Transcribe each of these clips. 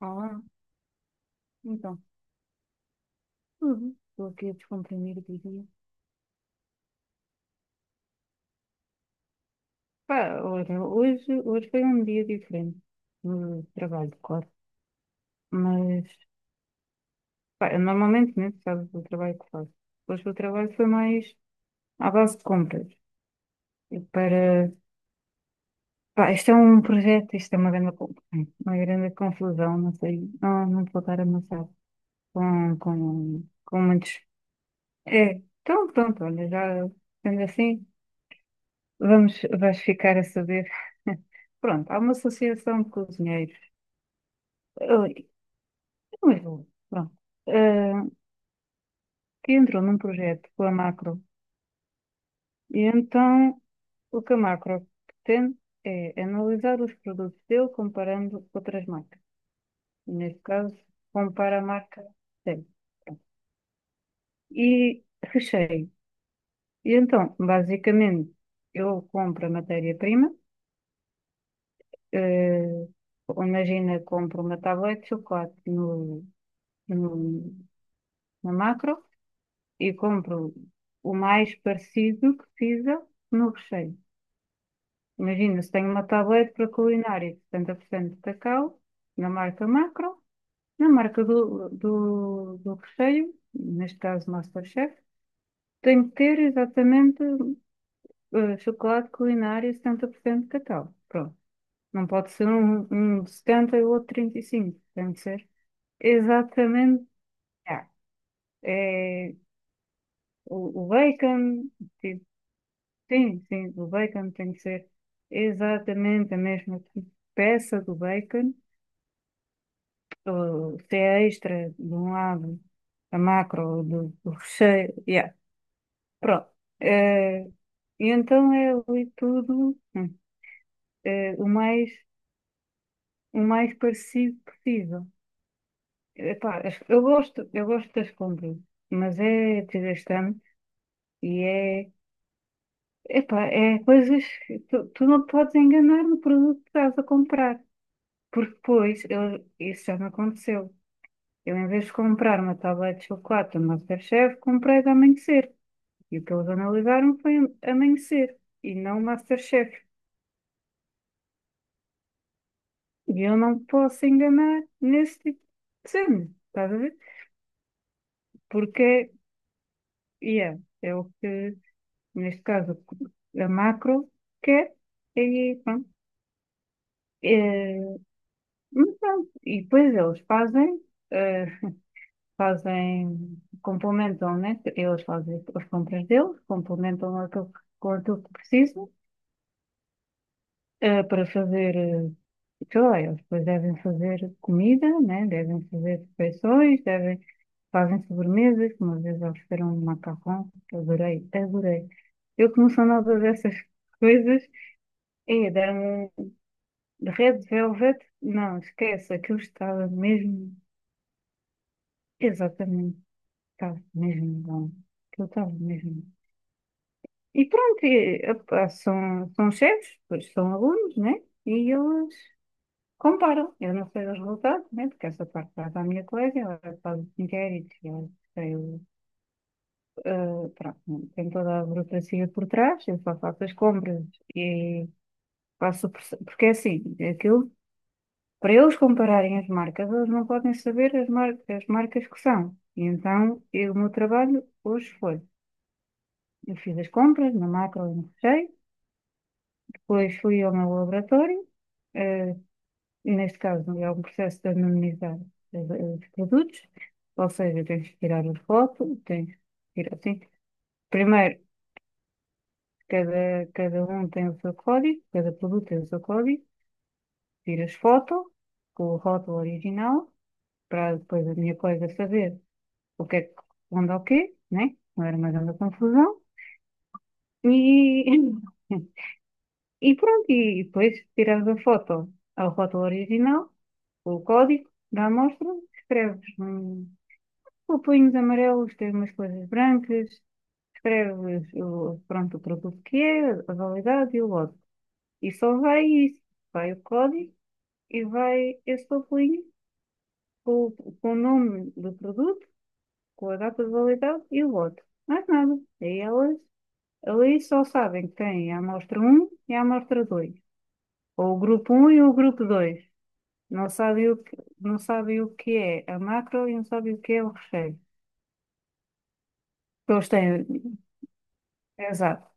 Olá, então, tudo. Estou aqui a descomprimir o dia. Pá, olha, hoje foi um dia diferente no trabalho, claro. Mas, pá, eu normalmente, né, tu sabes o trabalho que faço. Hoje o trabalho foi mais à base de compras. E para, pá, isto é um projeto, isto é uma grande, uma grande confusão, não sei, não vou estar amassado com muitos. É, então pronto, olha, já sendo assim. Vamos, vais ficar a saber. Pronto, há uma associação de cozinheiros, eh, não é pronto, eh, que entrou num projeto com a Macro. E então o que a Macro pretende é analisar os produtos dele comparando com outras marcas. E, neste caso, compara a marca dele. Pronto. E Recheio. E então, basicamente, eu compro a matéria-prima. eh, imagina, compro uma tablete de chocolate no- na Macro e compro o mais parecido que fizer no Recheio. Imagina, se tenho uma tablete para culinária de 70% de cacau, na marca Macro, na marca do Recheio, neste caso MasterChef, tenho que ter exatamente chocolate culinário 70% de cacau. Pronto. Não pode ser um 70 e o outro 35. Tem que ser exatamente. Ah, é. O bacon, tipo, sim, sim, o bacon tem que ser exatamente a mesma peça do bacon, ou se é extra de um lado, a Macro ou do Recheio, yeah, pronto. Eh, e então é ali tudo eh, o mais, o mais parecido possível. Epá, eu gosto das compras, mas é desgastante e é. Epá, é coisas que tu não te podes enganar no produto que estás a comprar, porque depois isso já me aconteceu. Eu, em vez de comprar uma tablet de chocolate do MasterChef, comprei de Amanhecer. E o que eles analisaram foi Amanhecer e não MasterChef. E eu não posso enganar nesse tipo de cena, estás a ver? Porque yeah, é o que, neste caso, a Macro quer, e pronto. eh, Mas pronto, e depois eles eh, fazem, complementam, né? Eles fazem as compras deles, complementam aquilo, com aquilo que precisam, para fazer, sei lá, eles depois devem fazer comida, né? Devem fazer refeições, devem, fazem sobremesas, uma vezes eles fizeram um macarrão, que adorei, adorei. Eu que não sou nada dessas coisas, e deram um Red Velvet, não, esquece, aquilo estava mesmo exatamente. Estava mesmo bom. Aquilo estava mesmo. E pronto, e, epá, são chefes, pois são alunos, né? E eles comparam. Eu não sei os resultados, né? Porque essa parte vai para a minha colega, ela faz os inquéritos, e ela tem, ah, pronto, tem toda a burocracia por trás, eu só faço as compras e faço. Porque é assim, é aquilo, para eles compararem as marcas, eles não podem saber as marcas que são. E então, o meu trabalho hoje foi. Eu fiz as compras na Macro e no Recheio. Depois fui ao meu laboratório, eh, e neste caso é um processo de anonimizar eh, os produtos, ou seja, tens que tirar a foto, tens que tirar assim. Primeiro, cada um tem o seu código, cada produto tem o seu código, tiras foto com o rótulo original, para depois a minha colega saber o que é que corresponde ao quê, né? Não era mais uma confusão. E, e pronto, e depois tiras a foto original, o código da amostra, escreves copinhos amarelos, tem umas coisas brancas, escreves pronto, o produto que é, a validade e o lote. E só vai isso, vai o código e vai esse papelinho com o nome do produto, com a data de validade e o lote. Mais nada. Aí elas ali só sabem que tem a amostra um e a amostra dois, ou o grupo um e o grupo dois. Não sabem o que é a Macro e não sabem o que é o Recheio. Eles têm, exato.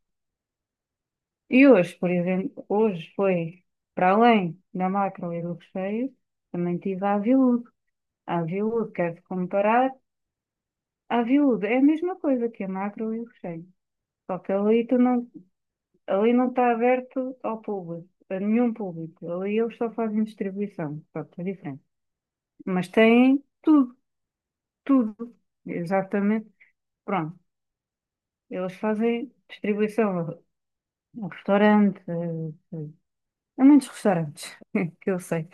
E hoje, por exemplo, hoje foi para além da Macro e do Recheio, também tive a Aviúde. A Aviúde, quero comparar, a Aviúde é a mesma coisa que a Macro e o Recheio. Só que ali, tu não, ali não está aberto ao público, a nenhum público. Ali eles só fazem distribuição, pronto, é diferente. Mas têm tudo, tudo, exatamente. Pronto. Eles fazem distribuição no restaurante, há muitos restaurantes que eu sei.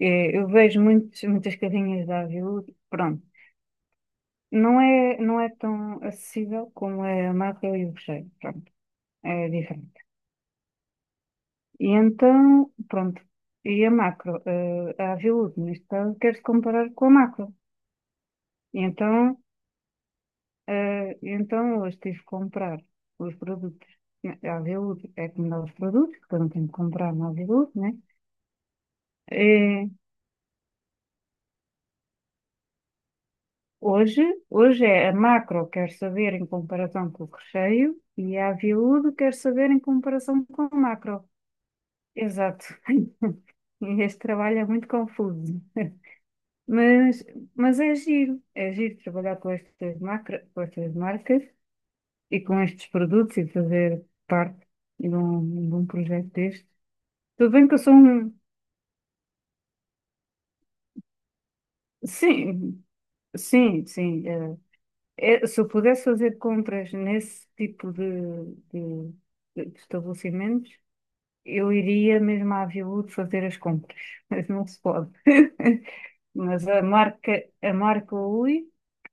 Eu vejo muitos, muitas carrinhas da Aviú, pronto. Não é tão acessível como é a Macro e o Recheio, pronto, é diferente. E então, pronto, e a Macro, a Aviú, neste caso, quer-se comparar com a Macro. E então, e então eu estive a comprar os produtos. Né, a Aviú é como dá os produtos, portanto tenho que comprar na Aviú, né? Eh, hoje, hoje é a Macro, quer saber em comparação com o Recheio, e a Viúdo quer saber em comparação com o Macro. Exato. E este trabalho é muito confuso, mas, mas é giro, trabalhar com estas marcas e com estes produtos e fazer parte de um projeto deste. Tudo bem que eu sou um. Sim, sim, sim. Se eu pudesse fazer compras nesse tipo de- de estabelecimentos, eu iria mesmo à Aviaúd fazer as compras, mas não se pode. Mas a marca Ui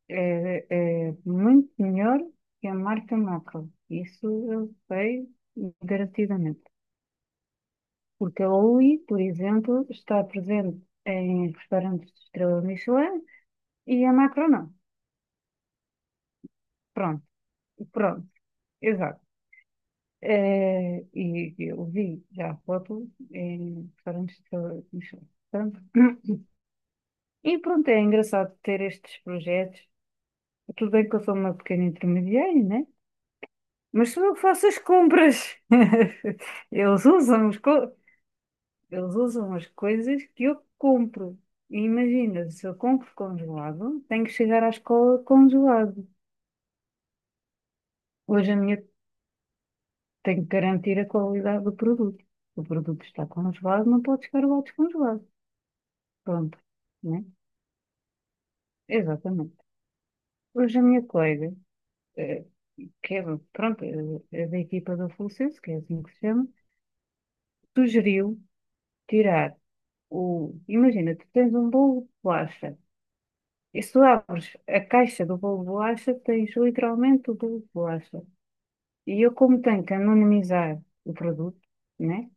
é, é muito melhor que a marca Macro. Isso eu sei garantidamente. Porque a Ui, por exemplo, está presente em restaurantes de estrela Michelin e a Macro não. Pronto, pronto, exato. É, e eu vi já a foto em restaurantes de Michelin. E pronto, é engraçado ter estes projetos. Tudo bem que eu sou uma pequena intermediária, né? Mas sou eu que faço as compras. Eles usam as, co- eles usam as coisas que eu compro. E imagina, se eu compro congelado, tenho que chegar à escola congelado. Hoje a minha tenho que garantir a qualidade do produto. O produto está congelado, não pode chegar lá descongelado. Pronto, né? Exatamente. Hoje a minha colega, eh, que é, pronto, da equipa do Fulcense, que é assim que se chama, sugeriu tirar o. Imagina, tu tens um bolo de bolacha. E se tu abres a caixa do bolo de bolacha, tens literalmente o bolo de bolacha. E eu, como tenho que anonimizar o produto, né?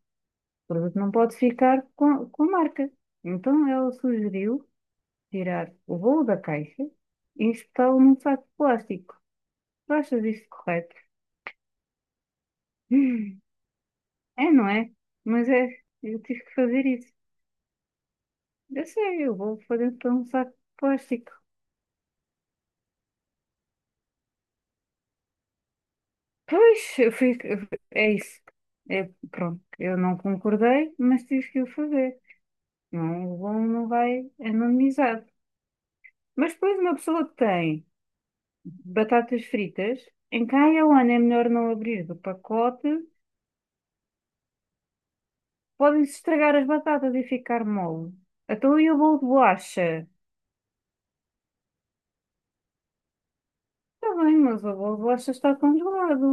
O produto não pode ficar com a marca. Então ela sugeriu tirar o bolo da caixa e injetá-lo num saco de plástico. Tu achas isto correto? Hum, é, não é? Mas é, eu tive que fazer isso. Eu sei, eu vou fazer para um saco de plástico. Pois, eu fiz, é isso. É, pronto, eu não concordei, mas tive que o fazer. Não, o bom não vai anonimizado. Mas depois uma pessoa que tem batatas fritas, em quem o ano é melhor não abrir do pacote, podem-se estragar as batatas e ficar mole. Então e o bolo de bolacha? Está bem, mas o bolo de bolacha está congelado,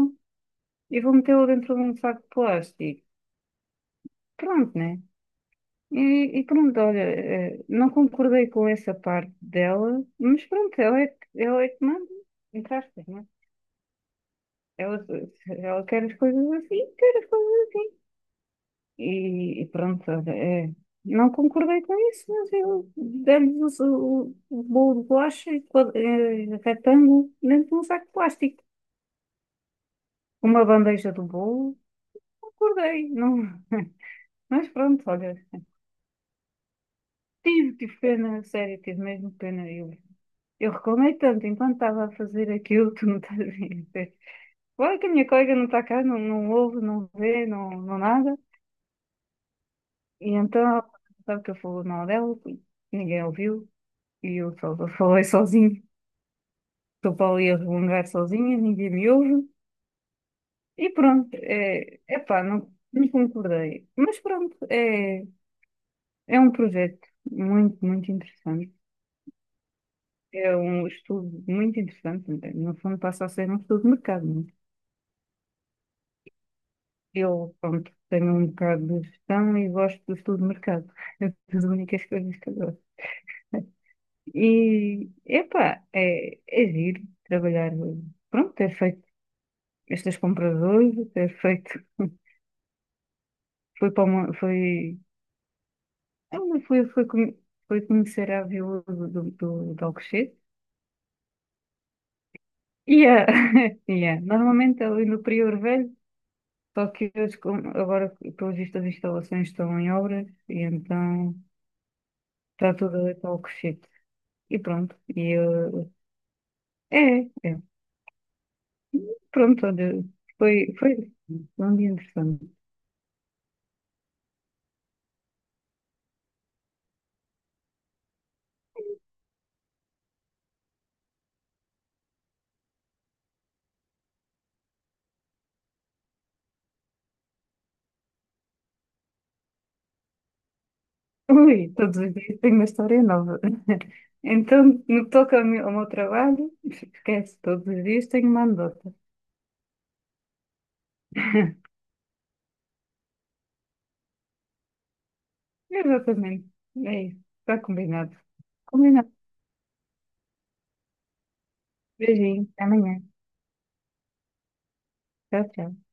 e vou metê-lo dentro de um saco de plástico. Pronto, né? E pronto, olha, não concordei com essa parte dela, mas pronto, ela é que manda, entre aspas, né? Ela, ela quer as coisas assim, quer as coisas assim. E pronto, olha, é, não concordei com isso, mas eu demos o, o bolo de bolacha e retângulo dentro de um saco de plástico. Uma bandeja do bolo, concordei, não. Mas pronto, olha. Tive pena, a sério, tive mesmo pena. Eu reclamei tanto enquanto estava a fazer aquilo, tu não estás a ver. Claro que a minha colega não está cá, não, não ouve, não vê, não, não nada. E então, sabe que eu falo mal dela, ninguém ouviu, e eu só falei sozinho. Estou para ali a resmungar sozinha, ninguém me ouve. E pronto, é, epá, não, não concordei. Mas pronto, é, um projeto muito, muito interessante. É um estudo muito interessante, não é? No fundo passa a ser um estudo de mercado. Não é? Eu, pronto, tenho um bocado de gestão e gosto do estudo de mercado. É das únicas coisas que eu gosto. E, epá, é giro trabalhar, pronto, ter feito estas compras hoje, ter feito, foi para uma, foi, foi, foi, foi, con- foi conhecer a viúva do Alcochete. E e normalmente ali no Prior Velho. Só que eu agora, pelo visto, as instalações estão em obras e então está tudo ali para o Cochete. E pronto. E eu... É, é. Pronto, olha, foi, um dia interessante. Ui, todos os dias tenho uma história nova. Então, no que toca ao meu trabalho, esquece, todos os dias tenho uma anedota. Exatamente. É isso. Está combinado. Combinado. Beijinho. Até amanhã. Tchau, tchau.